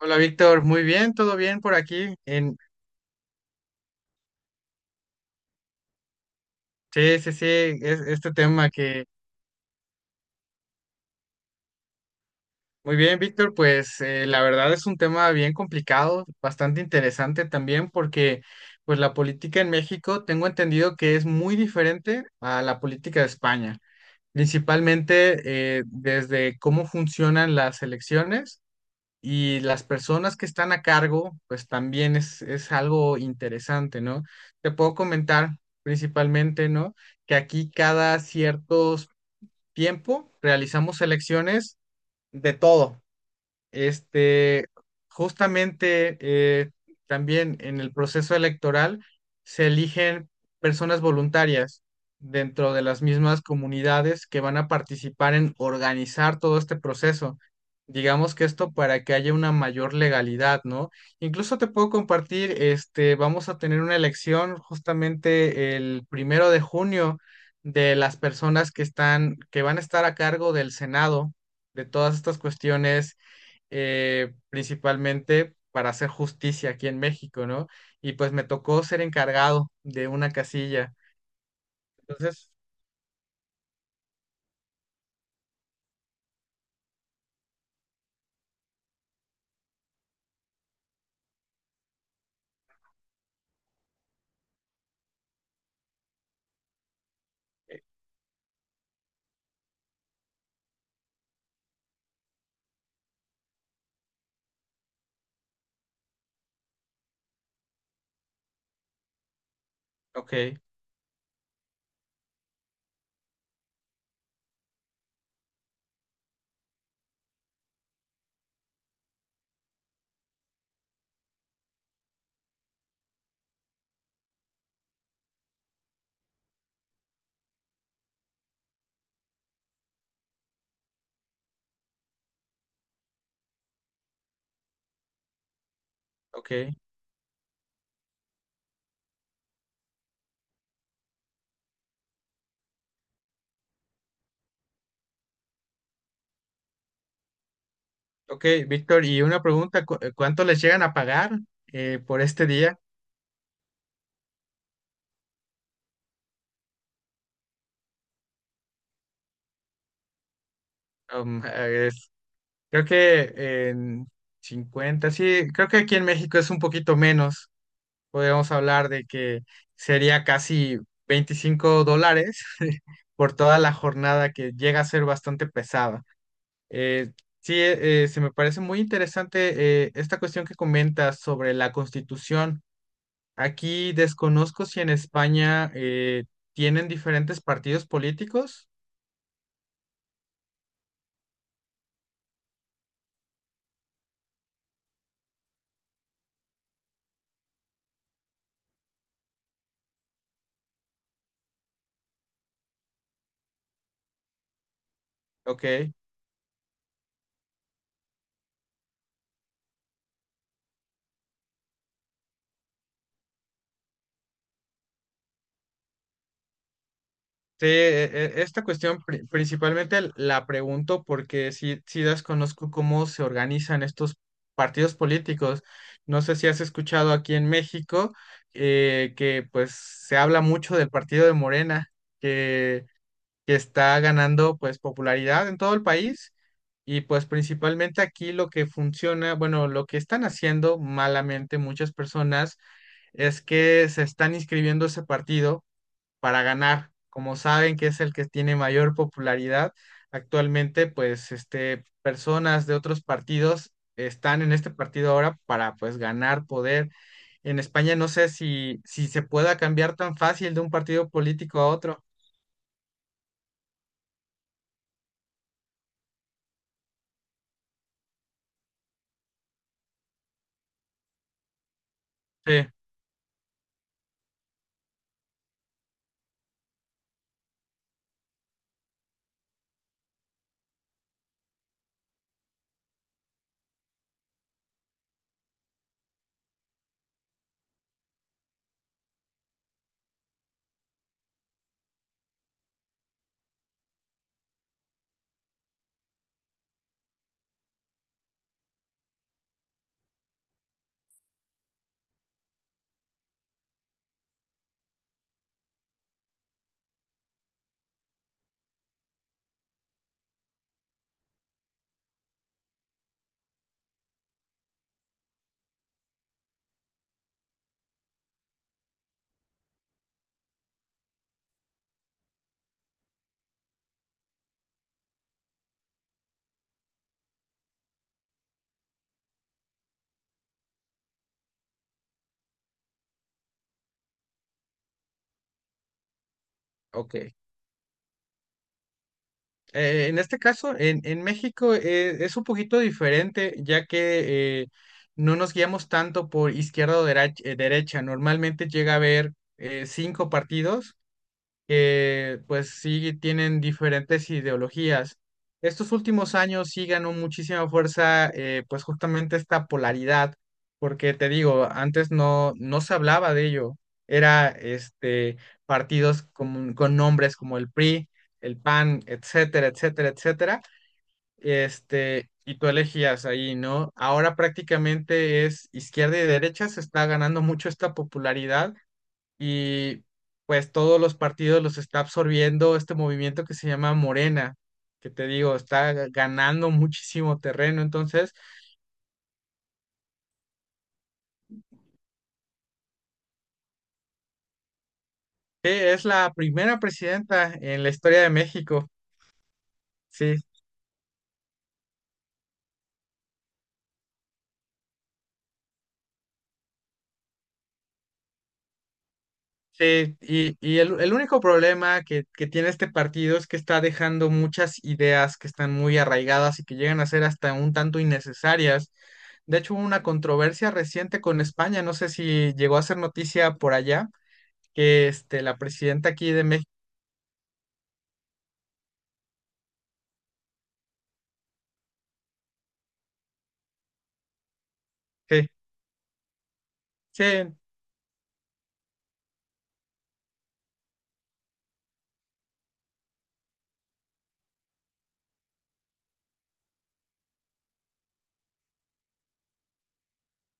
Hola Víctor, muy bien, todo bien por aquí. Sí, sí, sí. Este tema que. Muy bien, Víctor, pues la verdad es un tema bien complicado, bastante interesante también porque pues la política en México tengo entendido que es muy diferente a la política de España, principalmente desde cómo funcionan las elecciones. Y las personas que están a cargo, pues también es algo interesante, ¿no? Te puedo comentar principalmente, ¿no? Que aquí cada ciertos tiempo realizamos selecciones de todo. Este, justamente también en el proceso electoral se eligen personas voluntarias dentro de las mismas comunidades que van a participar en organizar todo este proceso. Digamos que esto para que haya una mayor legalidad, ¿no? Incluso te puedo compartir, este, vamos a tener una elección justamente el 1 de junio de las personas que están, que van a estar a cargo del Senado, de todas estas cuestiones principalmente para hacer justicia aquí en México, ¿no? Y pues me tocó ser encargado de una casilla. Entonces, eh, ok, ok, ok, Víctor, y una pregunta, ¿cuánto les llegan a pagar por este día? Um, eh, es- Creo que en 50. Sí, creo que aquí en México es un poquito menos. Podríamos hablar de que sería casi $25 por toda la jornada que llega a ser bastante pesada. Eh, sí, se me parece muy interesante esta cuestión que comentas sobre la Constitución. Aquí desconozco si en España tienen diferentes partidos políticos. Ok. Sí, esta cuestión principalmente la pregunto porque sí, sí desconozco cómo se organizan estos partidos políticos. No sé si has escuchado aquí en México que pues se habla mucho del partido de Morena, que está ganando pues popularidad en todo el país y pues principalmente aquí lo que funciona, bueno, lo que están haciendo malamente muchas personas es que se están inscribiendo a ese partido para ganar, como saben que es el que tiene mayor popularidad actualmente, pues este personas de otros partidos están en este partido ahora para pues ganar poder. En España no sé si se pueda cambiar tan fácil de un partido político a otro. Sí, ok. En este caso, en México es un poquito diferente, ya que no nos guiamos tanto por izquierda o derecha. Normalmente llega a haber cinco partidos que pues sí tienen diferentes ideologías. Estos últimos años sí ganó muchísima fuerza pues justamente esta polaridad, porque te digo, antes no, no se hablaba de ello, era este partidos con nombres como el PRI, el PAN, etcétera, etcétera, etcétera, este, y tú elegías ahí, ¿no? Ahora prácticamente es izquierda y derecha, se está ganando mucho esta popularidad y pues todos los partidos los está absorbiendo este movimiento que se llama Morena, que te digo, está ganando muchísimo terreno. Entonces, es la primera presidenta en la historia de México. Sí, sí. Y el único problema que tiene este partido es que está dejando muchas ideas que están muy arraigadas y que llegan a ser hasta un tanto innecesarias. De hecho, hubo una controversia reciente con España, no sé si llegó a ser noticia por allá, que este, la presidenta aquí de México. Sí, sí,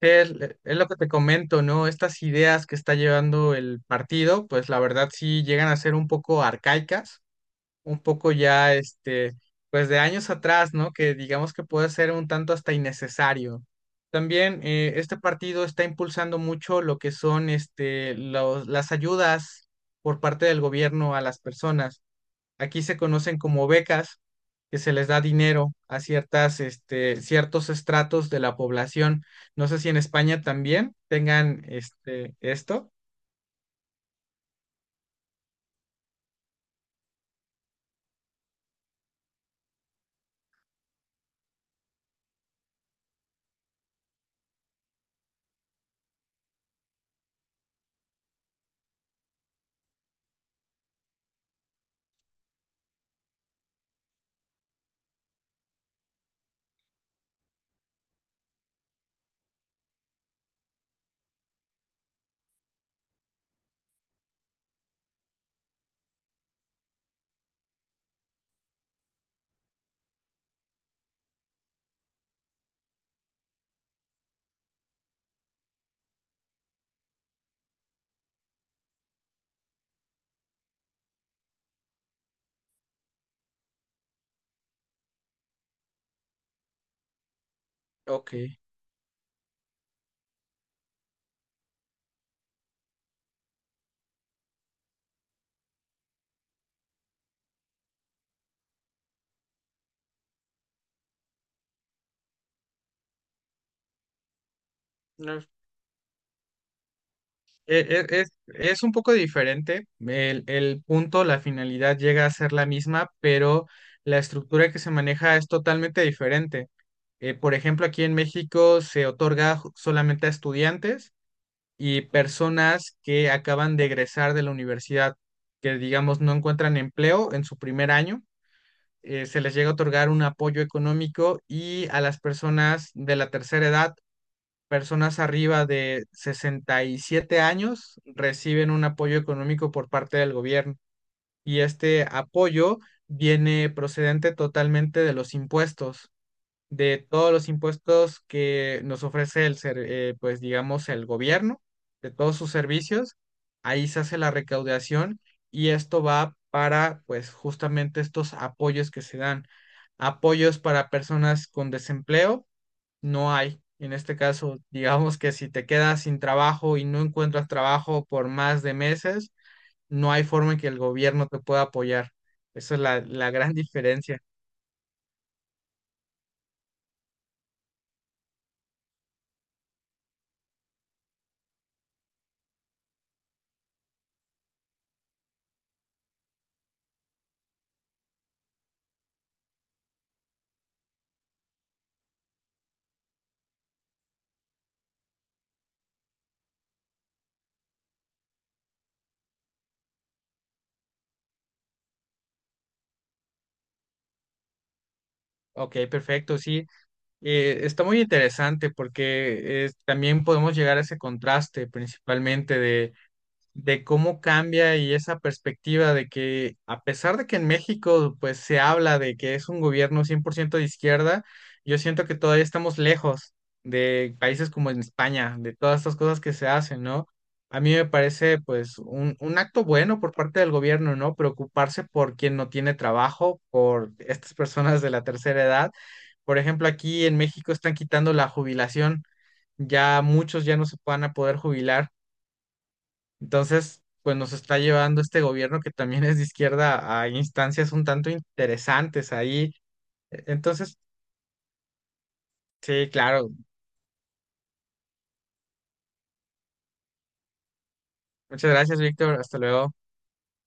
sí, es lo que te comento, ¿no? Estas ideas que está llevando el partido, pues la verdad sí llegan a ser un poco arcaicas, un poco ya, este, pues de años atrás, ¿no? Que digamos que puede ser un tanto hasta innecesario. También este partido está impulsando mucho lo que son, este, las ayudas por parte del gobierno a las personas. Aquí se conocen como becas, que se les da dinero a ciertas, este, ciertos estratos de la población. No sé si en España también tengan este, esto. Ok. No, Es un poco diferente. El punto, la finalidad llega a ser la misma, pero la estructura que se maneja es totalmente diferente. Por ejemplo, aquí en México se otorga solamente a estudiantes y personas que acaban de egresar de la universidad, que digamos no encuentran empleo en su primer año, se les llega a otorgar un apoyo económico y a las personas de la tercera edad, personas arriba de 67 años, reciben un apoyo económico por parte del gobierno. Y este apoyo viene procedente totalmente de los impuestos de todos los impuestos que nos ofrece el ser, pues digamos, el gobierno, de todos sus servicios. Ahí se hace la recaudación y esto va para, pues, justamente estos apoyos que se dan. Apoyos para personas con desempleo, no hay. En este caso, digamos que si te quedas sin trabajo y no encuentras trabajo por más de meses, no hay forma en que el gobierno te pueda apoyar. Esa es la gran diferencia. Ok, perfecto, sí. Está muy interesante porque también podemos llegar a ese contraste principalmente de cómo cambia y esa perspectiva de que a pesar de que en México pues se habla de que es un gobierno 100% de izquierda, yo siento que todavía estamos lejos de países como en España, de todas estas cosas que se hacen, ¿no? A mí me parece pues un acto bueno por parte del gobierno, ¿no? Preocuparse por quien no tiene trabajo, por estas personas de la tercera edad. Por ejemplo, aquí en México están quitando la jubilación, ya muchos ya no se van a poder jubilar entonces, pues nos está llevando este gobierno que también es de izquierda a instancias un tanto interesantes ahí. Entonces, sí, claro. Muchas gracias, Víctor. Hasta luego.